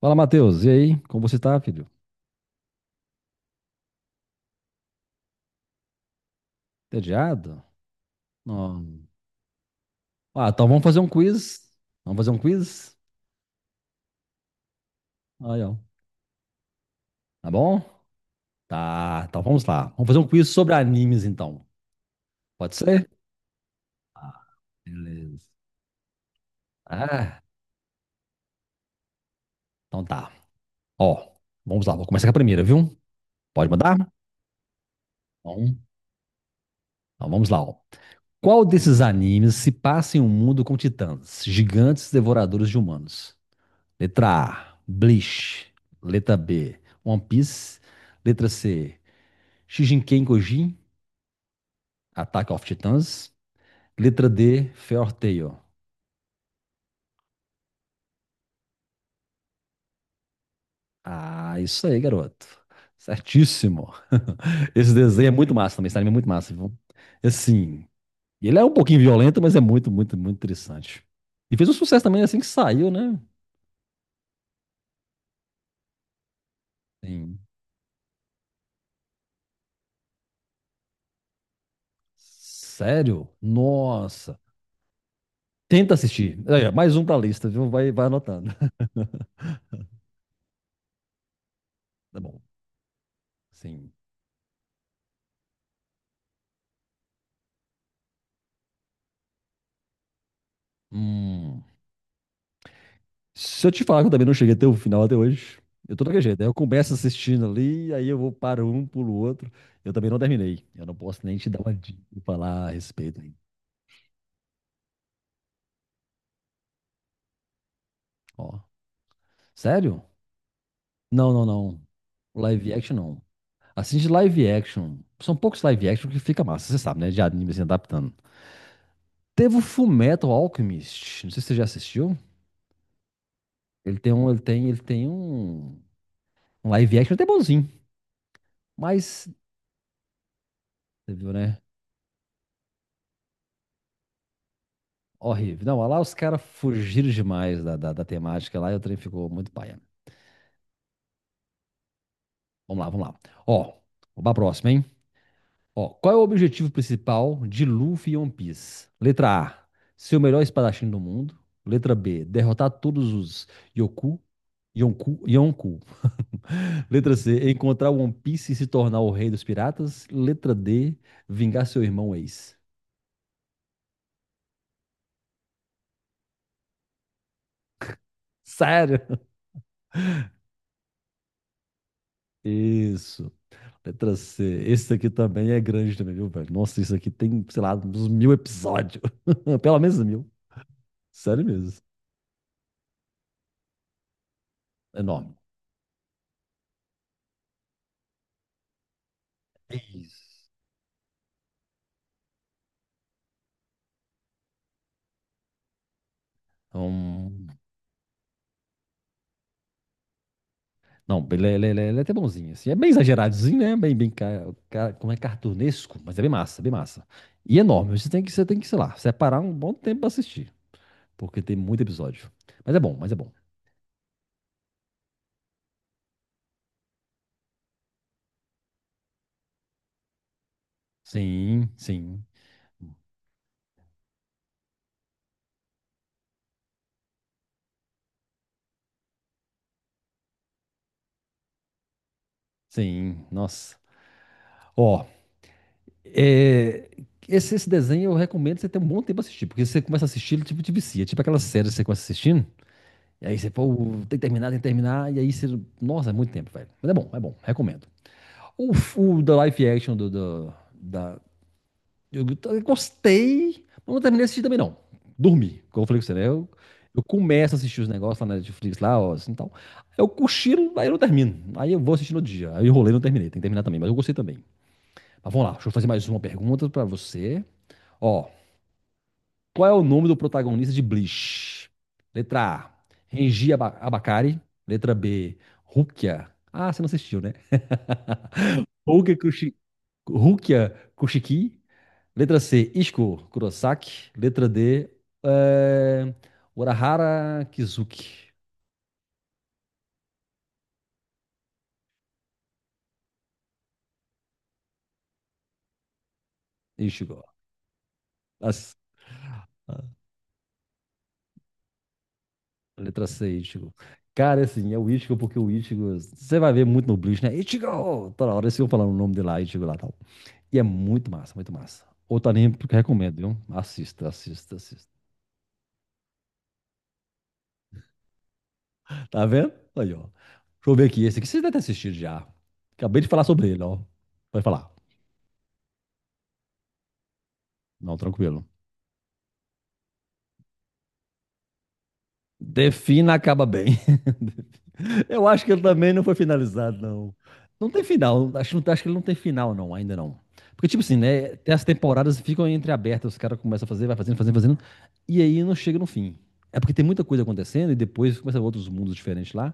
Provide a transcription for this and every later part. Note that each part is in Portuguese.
Fala, Matheus. E aí? Como você tá, filho? Entediado? Não. Ah, então vamos fazer um quiz. Vamos fazer um quiz? Aí, ó. Tá bom? Tá, então vamos lá. Vamos fazer um quiz sobre animes, então. Pode ser? Beleza. Ah, então tá. Ó, vamos lá. Vou começar com a primeira, viu? Pode mandar? Então, então vamos lá, ó. Qual desses animes se passa em um mundo com titãs, gigantes devoradores de humanos? Letra A, Bleach. Letra B, One Piece. Letra C, Shijinken Gojin, Attack of Titans. Letra D, Fair Tail. Ah, isso aí, garoto. Certíssimo. Esse desenho é muito massa também, esse anime é muito massa, viu? Assim, ele é um pouquinho violento, mas é muito, muito, muito interessante. E fez um sucesso também assim que saiu, né? Sim. Sério? Nossa. Tenta assistir. Aí, ó, mais um pra lista, viu? Vai anotando. Tá bom. Sim. Hum. Se eu te falar que eu também não cheguei até o final até hoje, eu tô daquele jeito. Aí eu começo assistindo ali, aí eu vou para um, pulo o outro. Eu também não terminei. Eu não posso nem te dar uma dica e falar a respeito, hein. Ó, sério? Não, não, não. Live action não. Assiste live action. São poucos live action que fica massa, você sabe, né? De anime se adaptando. Teve o Fullmetal Alchemist. Não sei se você já assistiu. Ele tem um live action até bonzinho, mas você viu, né? Horrível. Não, lá os caras fugiram demais da temática lá e o trem ficou muito paia. Vamos lá, vamos lá. Ó, vamos pra próxima, hein? Ó, qual é o objetivo principal de Luffy e One Piece? Letra A, ser o melhor espadachim do mundo. Letra B, derrotar todos os Yoku. Yonku, Yonku. Letra C, encontrar o One Piece e se tornar o rei dos piratas. Letra D, vingar seu irmão ex. Sério? Isso. Letra C. Esse aqui também é grande também, viu, velho? Nossa, isso aqui tem, sei lá, uns mil episódios. Pelo menos mil. Sério mesmo. É enorme. Isso. Então, não, ele é até bonzinho, assim. É bem exageradozinho, né? Bem, bem, como é cartunesco, mas é bem massa, bem massa. E é enorme. Você tem que, sei lá, separar um bom tempo pra assistir, porque tem muito episódio. Mas é bom, mas é bom. Sim, sim, sim. Nossa. Ó, é, esse desenho eu recomendo você ter um bom tempo assistir porque você começa a assistir, ele tipo te vicia. Tipo aquela série que você começa assistindo, e aí você, pô, tem que terminar, e aí você. Nossa, é muito tempo, velho. Mas é bom, recomendo. O, o da live action da. Eu gostei, mas não terminei de assistir também, não. Dormi, como eu falei com você, né? Eu começo a assistir os negócios lá na Netflix, lá, ó, assim, tal. Eu cochilo, aí eu não termino. Aí eu vou assistir no outro dia. Aí eu enrolei, não terminei. Tem que terminar também, mas eu gostei também. Mas vamos lá, deixa eu fazer mais uma pergunta pra você. Ó, qual é o nome do protagonista de Bleach? Letra A, Renji Abakari. Letra B, Rukia. Ah, você não assistiu, né? Rukia, Kushi... Rukia Kushiki. Letra C, Ishiko Kurosaki. Letra D, é... Urahara Kizuki. Ichigo. As- Letra C, Ichigo. Cara, assim, é o Ichigo porque o Ichigo... Você vai ver muito no Bleach, né? Ichigo! Toda hora eles ficam falando o nome dele lá, Ichigo lá, tal. E é muito massa, muito massa. Outro anime que eu recomendo, viu? Assista, assista, assista. Tá vendo? Aí, ó. Deixa eu ver aqui. Esse aqui você deve ter assistido já. Acabei de falar sobre ele, ó. Pode falar. Não, tranquilo. Defina acaba bem. Eu acho que ele também não foi finalizado, não. Não tem final. Acho que ele não tem final, não, ainda não. Porque, tipo assim, né? Tem as temporadas que ficam entreabertas, os caras começam a fazer, vai fazendo, fazendo, fazendo, e aí não chega no fim. É porque tem muita coisa acontecendo e depois começa outros mundos diferentes lá.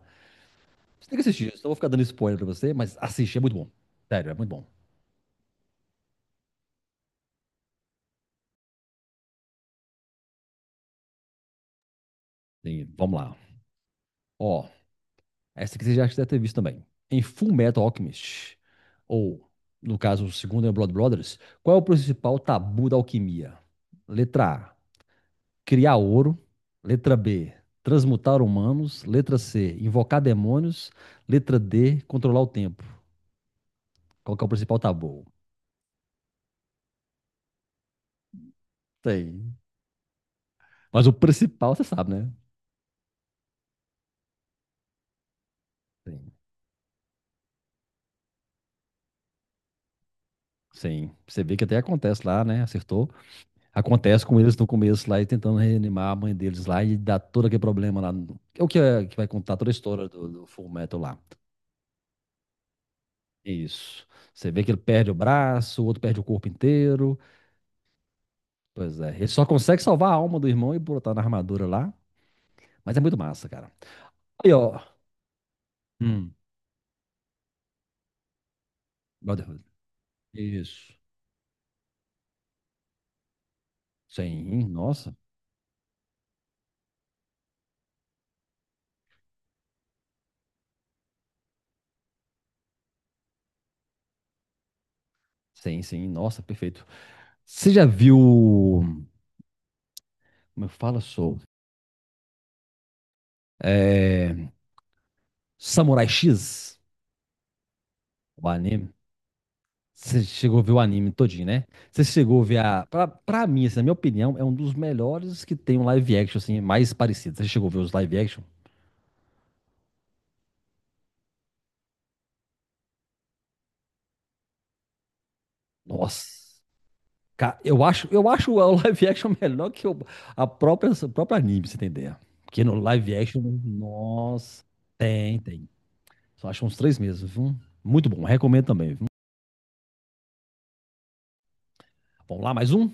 Você tem que assistir. Eu só vou ficar dando spoiler pra você, mas assiste, é muito bom. Sério, é muito bom. E vamos lá. Ó, essa aqui você já deve ter visto também. Em Full Metal Alchemist, ou, no caso, o segundo é Blood Brothers, qual é o principal tabu da alquimia? Letra A, criar ouro. Letra B, transmutar humanos. Letra C, invocar demônios. Letra D, controlar o tempo. Qual que é o principal tabu? Tem. Mas o principal você sabe, né? Tem. Sim. Você vê que até acontece lá, né? Acertou. Acontece com eles no começo lá e tentando reanimar a mãe deles lá e dá todo aquele problema lá. É o que, que vai contar toda a história do Full Metal lá. Isso. Você vê que ele perde o braço, o outro perde o corpo inteiro. Pois é. Ele só consegue salvar a alma do irmão e botar na armadura lá. Mas é muito massa, cara. Aí, ó. Hum, Brotherhood. Isso. Sim, nossa. Sim, sim, nossa, perfeito. Você já viu. Como eu falo, sou? É, Samurai X? O anime? Você chegou a ver o anime todinho, né? Você chegou a ver a. Pra mim, assim, na minha opinião, é um dos melhores que tem um live action, assim, mais parecido. Você chegou a ver os live action? Nossa. Eu acho o live action melhor que o, a própria, o próprio anime, pra você entender. Porque no live action, nossa, tem. Só acho uns três meses, viu? Muito bom, recomendo também, viu? Vamos lá, mais um?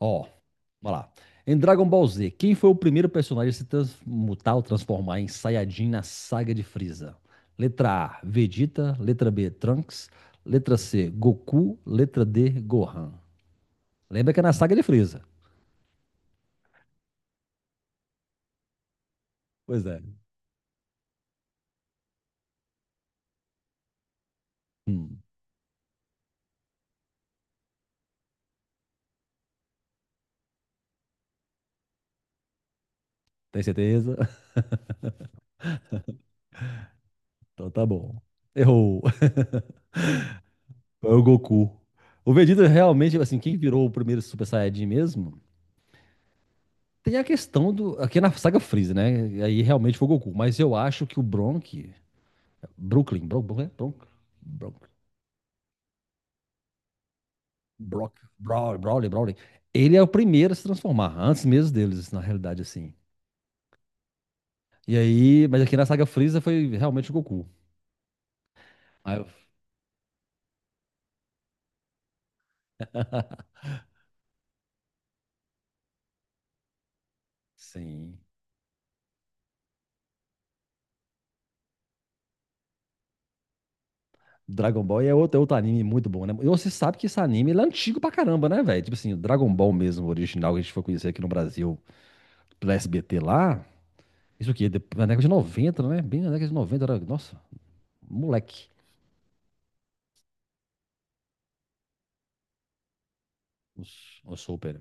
Ó, vamos lá. Em Dragon Ball Z, quem foi o primeiro personagem a se transmutar ou transformar em Saiyajin na saga de Frieza? Letra A, Vegeta. Letra B, Trunks. Letra C, Goku. Letra D, Gohan. Lembra que é na saga de Frieza. Pois é. Hum, tem certeza? Então tá bom. Errou. Foi o Goku. O Vegeta realmente, assim, quem virou o primeiro Super Saiyajin mesmo? Tem a questão do. Aqui é na saga Freeza, né? Aí realmente foi o Goku. Mas eu acho que o Bronk. Brooklyn. Bron, Bron, Bron, Bron, Brock, Brawley, Brawley, Brawley. Ele é o primeiro a se transformar, antes mesmo deles, na realidade, assim. E aí, mas aqui na saga Freeza foi realmente o Goku. Aí eu- sim. Dragon Ball é outro anime muito bom, né? E você sabe que esse anime ele é antigo pra caramba, né, velho? Tipo assim, o Dragon Ball mesmo, o original, que a gente foi conhecer aqui no Brasil, pela SBT lá. Isso aqui, na década de 90, né? Bem na década de 90, era, nossa, moleque. O Super.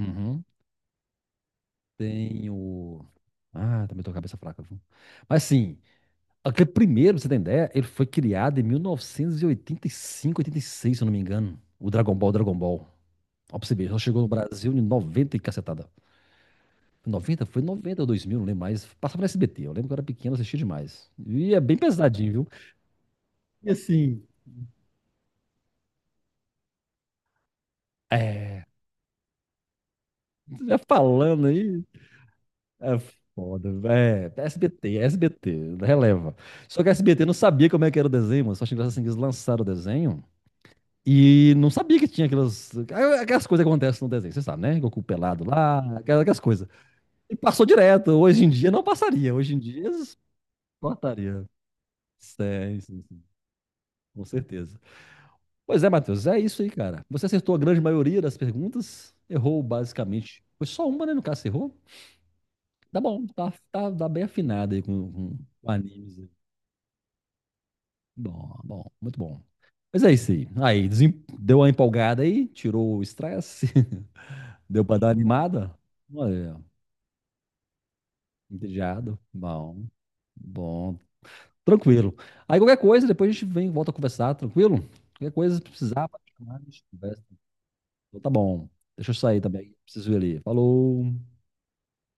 Uhum. Tem o. Ah, também tô com a cabeça fraca, viu? Mas sim, aquele primeiro, pra você ter ideia, ele foi criado em 1985, 86, se eu não me engano. O Dragon Ball, Dragon Ball. Ó, pra você ver, só chegou no Brasil em 90 e cacetada. 90? Foi 90 ou 2000, não lembro mais. Passava no SBT, eu lembro que eu era pequeno, assistia demais. E é bem pesadinho, viu? E assim, é, já falando aí, é foda, é, SBT, SBT, releva. Só que a SBT não sabia como é que era o desenho, mano. Só achei engraçado assim que eles lançaram o desenho. E não sabia que tinha aquelas coisas que acontecem no desenho, você sabe, né? Goku pelado lá, aquelas coisas. E passou direto. Hoje em dia não passaria. Hoje em dia cortaria. Sim, sim, sim, com certeza. Pois é, Matheus, é isso aí, cara. Você acertou a grande maioria das perguntas, errou basicamente. Foi só uma, né? No caso, você errou. Tá bom, tá bem afinado aí com, animes, aí. Bom, bom, muito bom. Mas é isso aí. Aí, deu uma empolgada aí, tirou o estresse. Deu para dar animada? Olha, entediado. Bom, bom, tranquilo. Aí qualquer coisa, depois a gente vem e volta a conversar, tranquilo? Qualquer coisa, se precisar, pode chamar, a gente conversa. Então, tá bom. Deixa eu sair também, preciso ir ali. Falou.